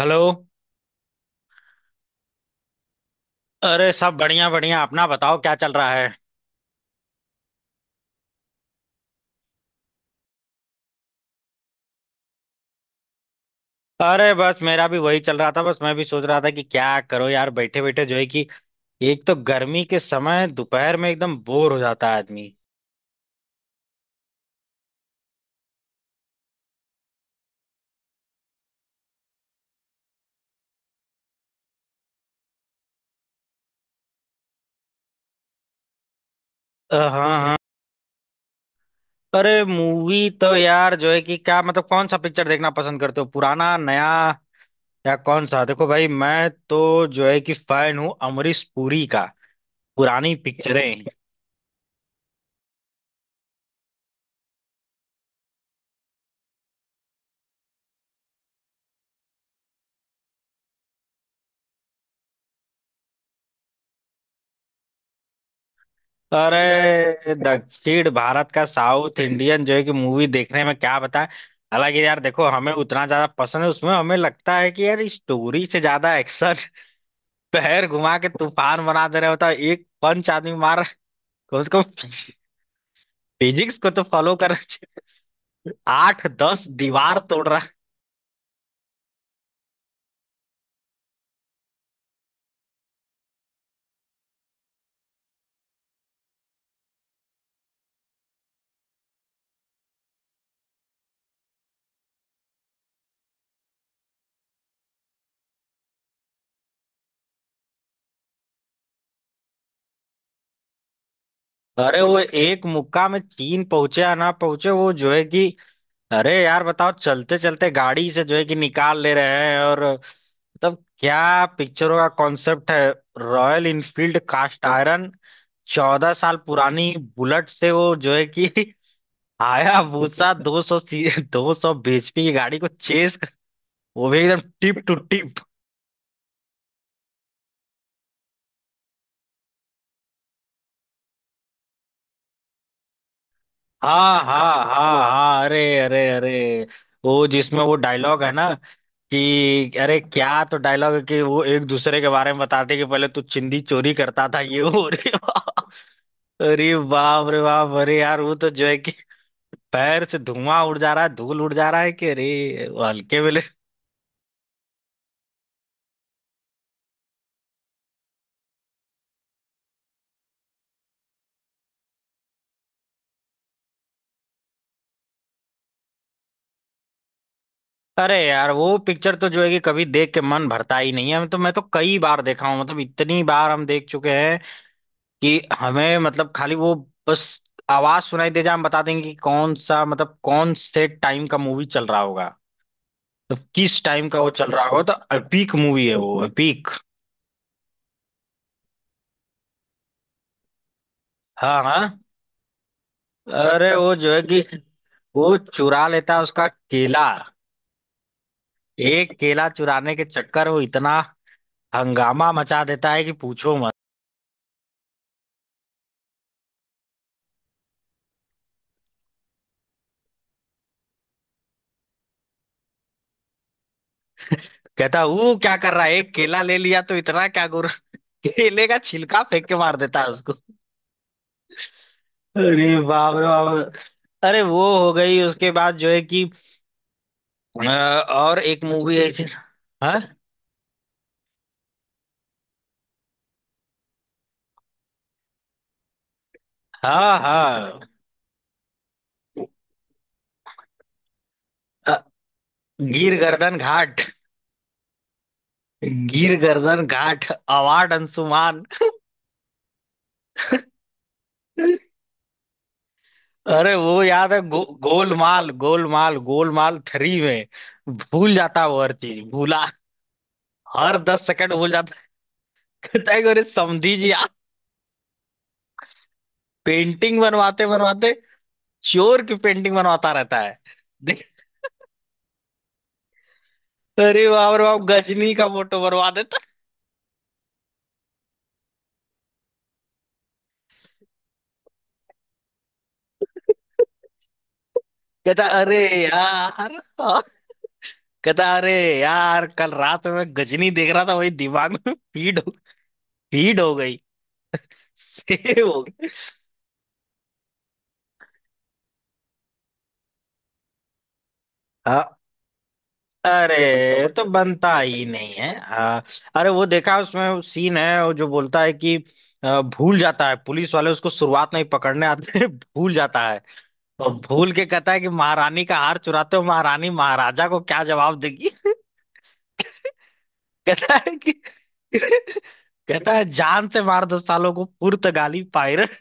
Hello. अरे सब बढ़िया बढ़िया। अपना बताओ क्या चल रहा है? अरे बस मेरा भी वही चल रहा था। बस मैं भी सोच रहा था कि क्या करो यार, बैठे बैठे जो है कि एक तो गर्मी के समय दोपहर में एकदम बोर हो जाता है आदमी। हाँ हाँ। अरे मूवी तो यार जो है कि, क्या मतलब, कौन सा पिक्चर देखना पसंद करते हो? पुराना, नया या कौन सा? देखो भाई, मैं तो जो है कि फैन हूँ अमरीश पुरी का, पुरानी पिक्चरें। अरे दक्षिण भारत का साउथ इंडियन जो है कि मूवी देखने में क्या बताए। हालांकि यार देखो, हमें उतना ज्यादा पसंद है, उसमें हमें लगता है कि यार स्टोरी से ज्यादा एक्शन। पैर घुमा के तूफान बना दे रहे होता है, एक पंच आदमी मार रहा है, कम से कम फिजिक्स को तो फॉलो करना चाहिए, 8-10 दीवार तोड़ रहा है। अरे वो एक मुक्का में चीन पहुंचे या ना पहुंचे, वो जो है कि, अरे यार बताओ, चलते चलते गाड़ी से जो है कि निकाल ले रहे हैं। और मतलब क्या पिक्चरों का कॉन्सेप्ट है, रॉयल इनफील्ड कास्ट आयरन, 14 साल पुरानी बुलेट से वो जो है कि हायाबूसा 200 सी, 200 बीएचपी की गाड़ी को चेस, वो भी एकदम टिप टू टिप। हाँ हाँ हाँ हाँ, अरे अरे अरे, वो जिसमें वो डायलॉग है ना कि, अरे क्या तो डायलॉग है कि वो एक दूसरे के बारे में बताते कि पहले तू चिंदी चोरी करता था ये वो। अरे बाप, अरे बाप रे बाप, अरे यार वो तो जो है कि पैर से धुआं उड़ जा रहा है, धूल उड़ जा रहा है कि अरे वो हल्के में ले- अरे यार वो पिक्चर तो जो है कि कभी देख के मन भरता ही नहीं है, हम तो, मैं तो कई बार देखा हूँ, मतलब इतनी बार हम देख चुके हैं कि हमें मतलब, खाली वो, बस आवाज सुनाई दे जाए हम बता देंगे कि कौन सा, मतलब कौन से टाइम का मूवी चल रहा होगा, तो किस टाइम का वो चल रहा होगा। तो अपीक मूवी है वो, अपीक। हाँ हाँ। अरे वो जो है कि वो चुरा लेता है उसका केला। एक केला चुराने के चक्कर वो इतना हंगामा मचा देता है कि पूछो मत। कहता, वो क्या कर रहा है, एक केला ले लिया तो इतना क्या गुर। केले का छिलका फेंक के मार देता है उसको। अरे बाप रे बाप, अरे वो हो गई, उसके बाद जो है कि और एक हाँ हाँ हाँ, अ, गिर गर्दन घाट, गिर गर्दन घाट अवार्ड अंशुमान। अरे वो याद है, गोलमाल, गोलमाल, गोलमाल थ्री में भूल जाता वो हर चीज, भूला, हर 10 सेकंड भूल जाता। कहता है कि अरे समधी जी आप पेंटिंग बनवाते बनवाते चोर की पेंटिंग बनवाता रहता है, देख। अरे बाप रे बाप, गजनी का फोटो बनवा देता। कहता अरे यार, हाँ। कहता अरे यार, कल रात में गजनी देख रहा था, वही दिमाग में फीड हो गई, सेव हो गई। अरे तो बनता ही नहीं है। अरे वो देखा, उसमें वो सीन है, वो जो बोलता है कि भूल जाता है, पुलिस वाले उसको शुरुआत में ही पकड़ने आते हैं, भूल जाता है और भूल के कहता है कि महारानी का हार चुराते हो, महारानी महाराजा को क्या जवाब देगी। कहता है कि, कहता है जान से मार दो सालों को, पुर्तगाली पायरट,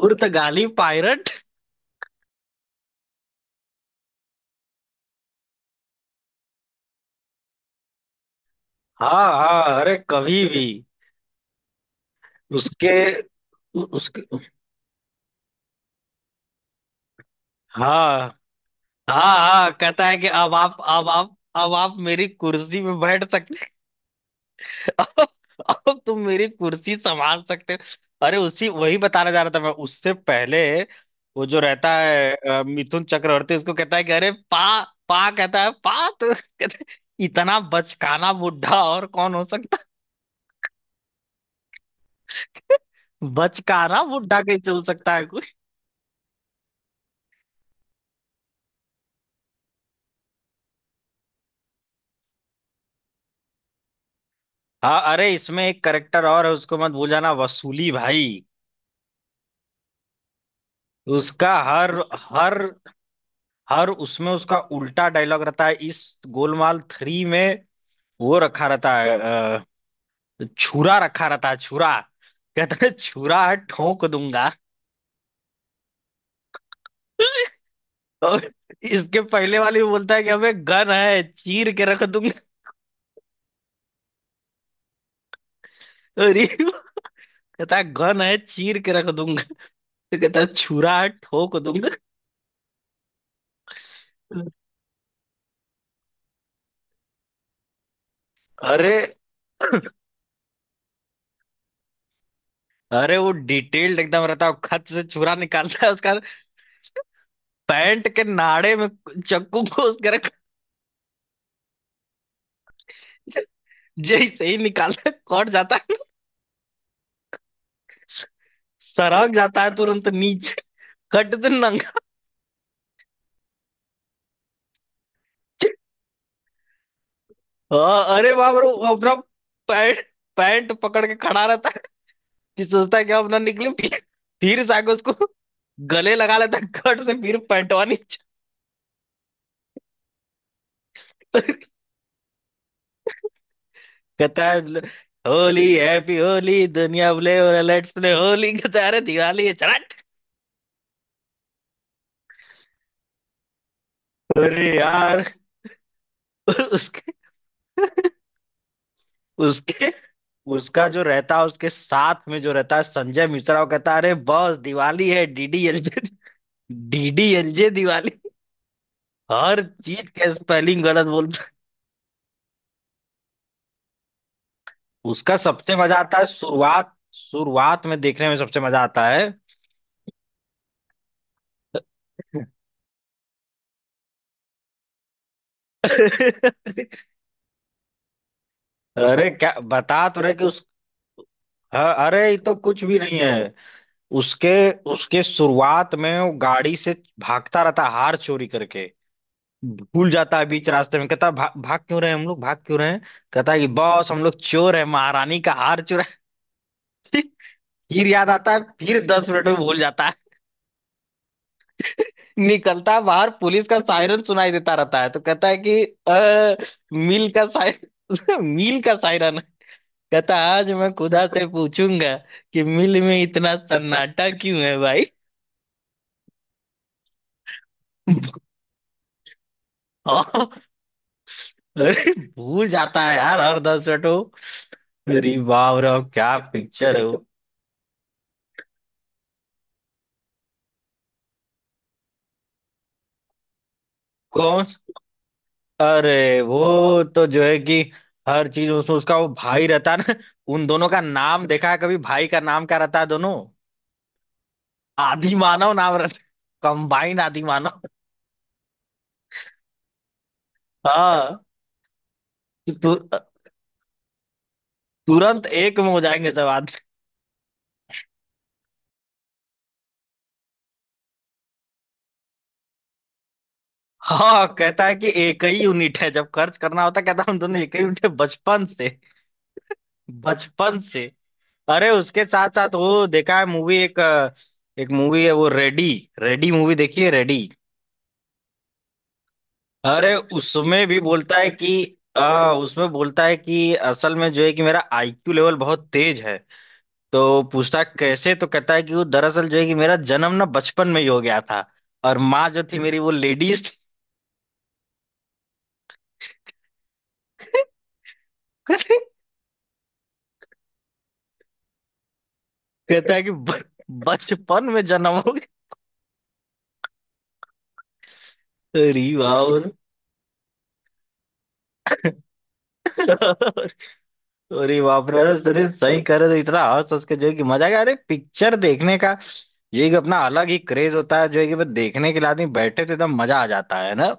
पुर्तगाली पायरट। हाँ हाँ। अरे कभी भी उसके उसके हाँ हाँ हाँ, कहता है कि अब आप मेरी कुर्सी में बैठ सकते हो। अब तुम मेरी कुर्सी संभाल सकते हो। अरे उसी, वही बताने जा रहा था मैं उससे पहले। वो जो रहता है मिथुन चक्रवर्ती, उसको कहता है कि अरे पा, पा, कहता है पा तो। कहता है, इतना बचकाना बुढ़ा और कौन हो सकता है? बचकाना बुढ़ा कैसे हो सकता है कोई। हाँ, अरे इसमें एक करेक्टर और है, उसको मत भूल जाना, वसूली भाई। उसका हर, हर हर उसमें उसका उल्टा डायलॉग रहता है, इस गोलमाल थ्री में। वो रखा रहता है, अ, छुरा रखा रहता है, छुरा। कहता है छुरा है, ठोक दूंगा। और इसके पहले वाले में बोलता है कि हमें गन है, चीर के रख दूंगा। और ये कहता है गन है, चीर के रख दूंगा, तो कहता है छुरा है, ठोक दूंगा। अरे, अरे वो डिटेल्ड एकदम रहता है, खत से छुरा निकालता है उसका, पैंट के नाड़े में चाकू को उसके रख, जैसे ही निकालता है कट जाता है, सरक जाता है तुरंत नीचे। कट दे नंगा। हाँ, अरे बाप रे, वो अपना पैंट पैंट पकड़ के खड़ा रहता है, कि सोचता है कि अब ना निकले, फिर जाके उसको गले लगा लेता है, कट से फिर पैंटवा नीचे। कहता है होली हैप्पी होली, दुनिया बोले लेट्स प्ले होली, कहता है अरे दिवाली है चला। अरे यार उसके उसके उसका जो रहता है, उसके साथ में जो रहता है संजय मिश्रा, वो कहता है अरे बॉस दिवाली है डीडीएलजे, डीडीएलजे दिवाली। हर चीज का स्पेलिंग गलत बोलता है। उसका सबसे मजा आता है शुरुआत, शुरुआत में देखने में सबसे मजा आता है। अरे क्या बता तो रहे कि उस, हाँ, अरे ये तो कुछ भी नहीं है। उसके उसके शुरुआत में वो गाड़ी से भागता रहता है हार चोरी करके, भूल जाता है बीच रास्ते में, कहता है, भाग क्यों रहे हैं हम लोग, भाग क्यों रहे हैं? कहता है कि बॉस हम लोग चोर है, महारानी का हार चुरा। फिर याद आता है, फिर 10 मिनट में भूल जाता, निकलता बाहर पुलिस का सायरन सुनाई देता रहता है, तो कहता है कि अ, मिल का सायरन, मिल का सायरन। कहता आज मैं खुदा से पूछूंगा कि मिल में इतना सन्नाटा क्यों है भाई। और भूल जाता है यार हर 10 मिनट वो। अरे बाप रे, और क्या पिक्चर है वो। कौन? अरे वो तो जो है कि हर चीज उसमें उसका वो भाई रहता है ना, उन दोनों का नाम देखा है कभी, भाई का नाम क्या रहता है दोनों? आदि मानव, नाम रहता कंबाइंड आदि मानव। हाँ, तु, तु, तुरंत एक में हो जाएंगे सब आदमी। हाँ कहता है कि एक ही यूनिट है, जब खर्च करना होता है, कहता है हम दोनों एक ही यूनिट है बचपन से, बचपन से। अरे उसके साथ साथ वो देखा है मूवी, एक एक मूवी है वो रेडी, रेडी मूवी देखी है, रेडी। अरे उसमें भी बोलता है कि उसमें बोलता है कि असल में जो है कि मेरा आईक्यू लेवल बहुत तेज है। तो पूछता है कैसे, तो कहता है कि वो दरअसल जो है कि मेरा जन्म ना बचपन में ही हो गया था और माँ जो थी मेरी वो लेडीज थी। कहता है कि बचपन में जन्म हो गया। अरे वाह, अरे बाप रे, अरे अरे सही करे तो इतना हंस हंस के जो है कि मजा आ गया, अरे पिक्चर देखने का ये एक अपना अलग ही क्रेज होता है जो है कि, वो देखने के लिए आदमी बैठे तो एकदम मजा आ जाता है ना।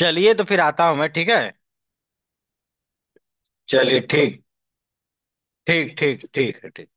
चलिए, तो फिर आता हूँ मैं, ठीक है। चलिए, ठीक, ठीक ठीक ठीक है ठीक।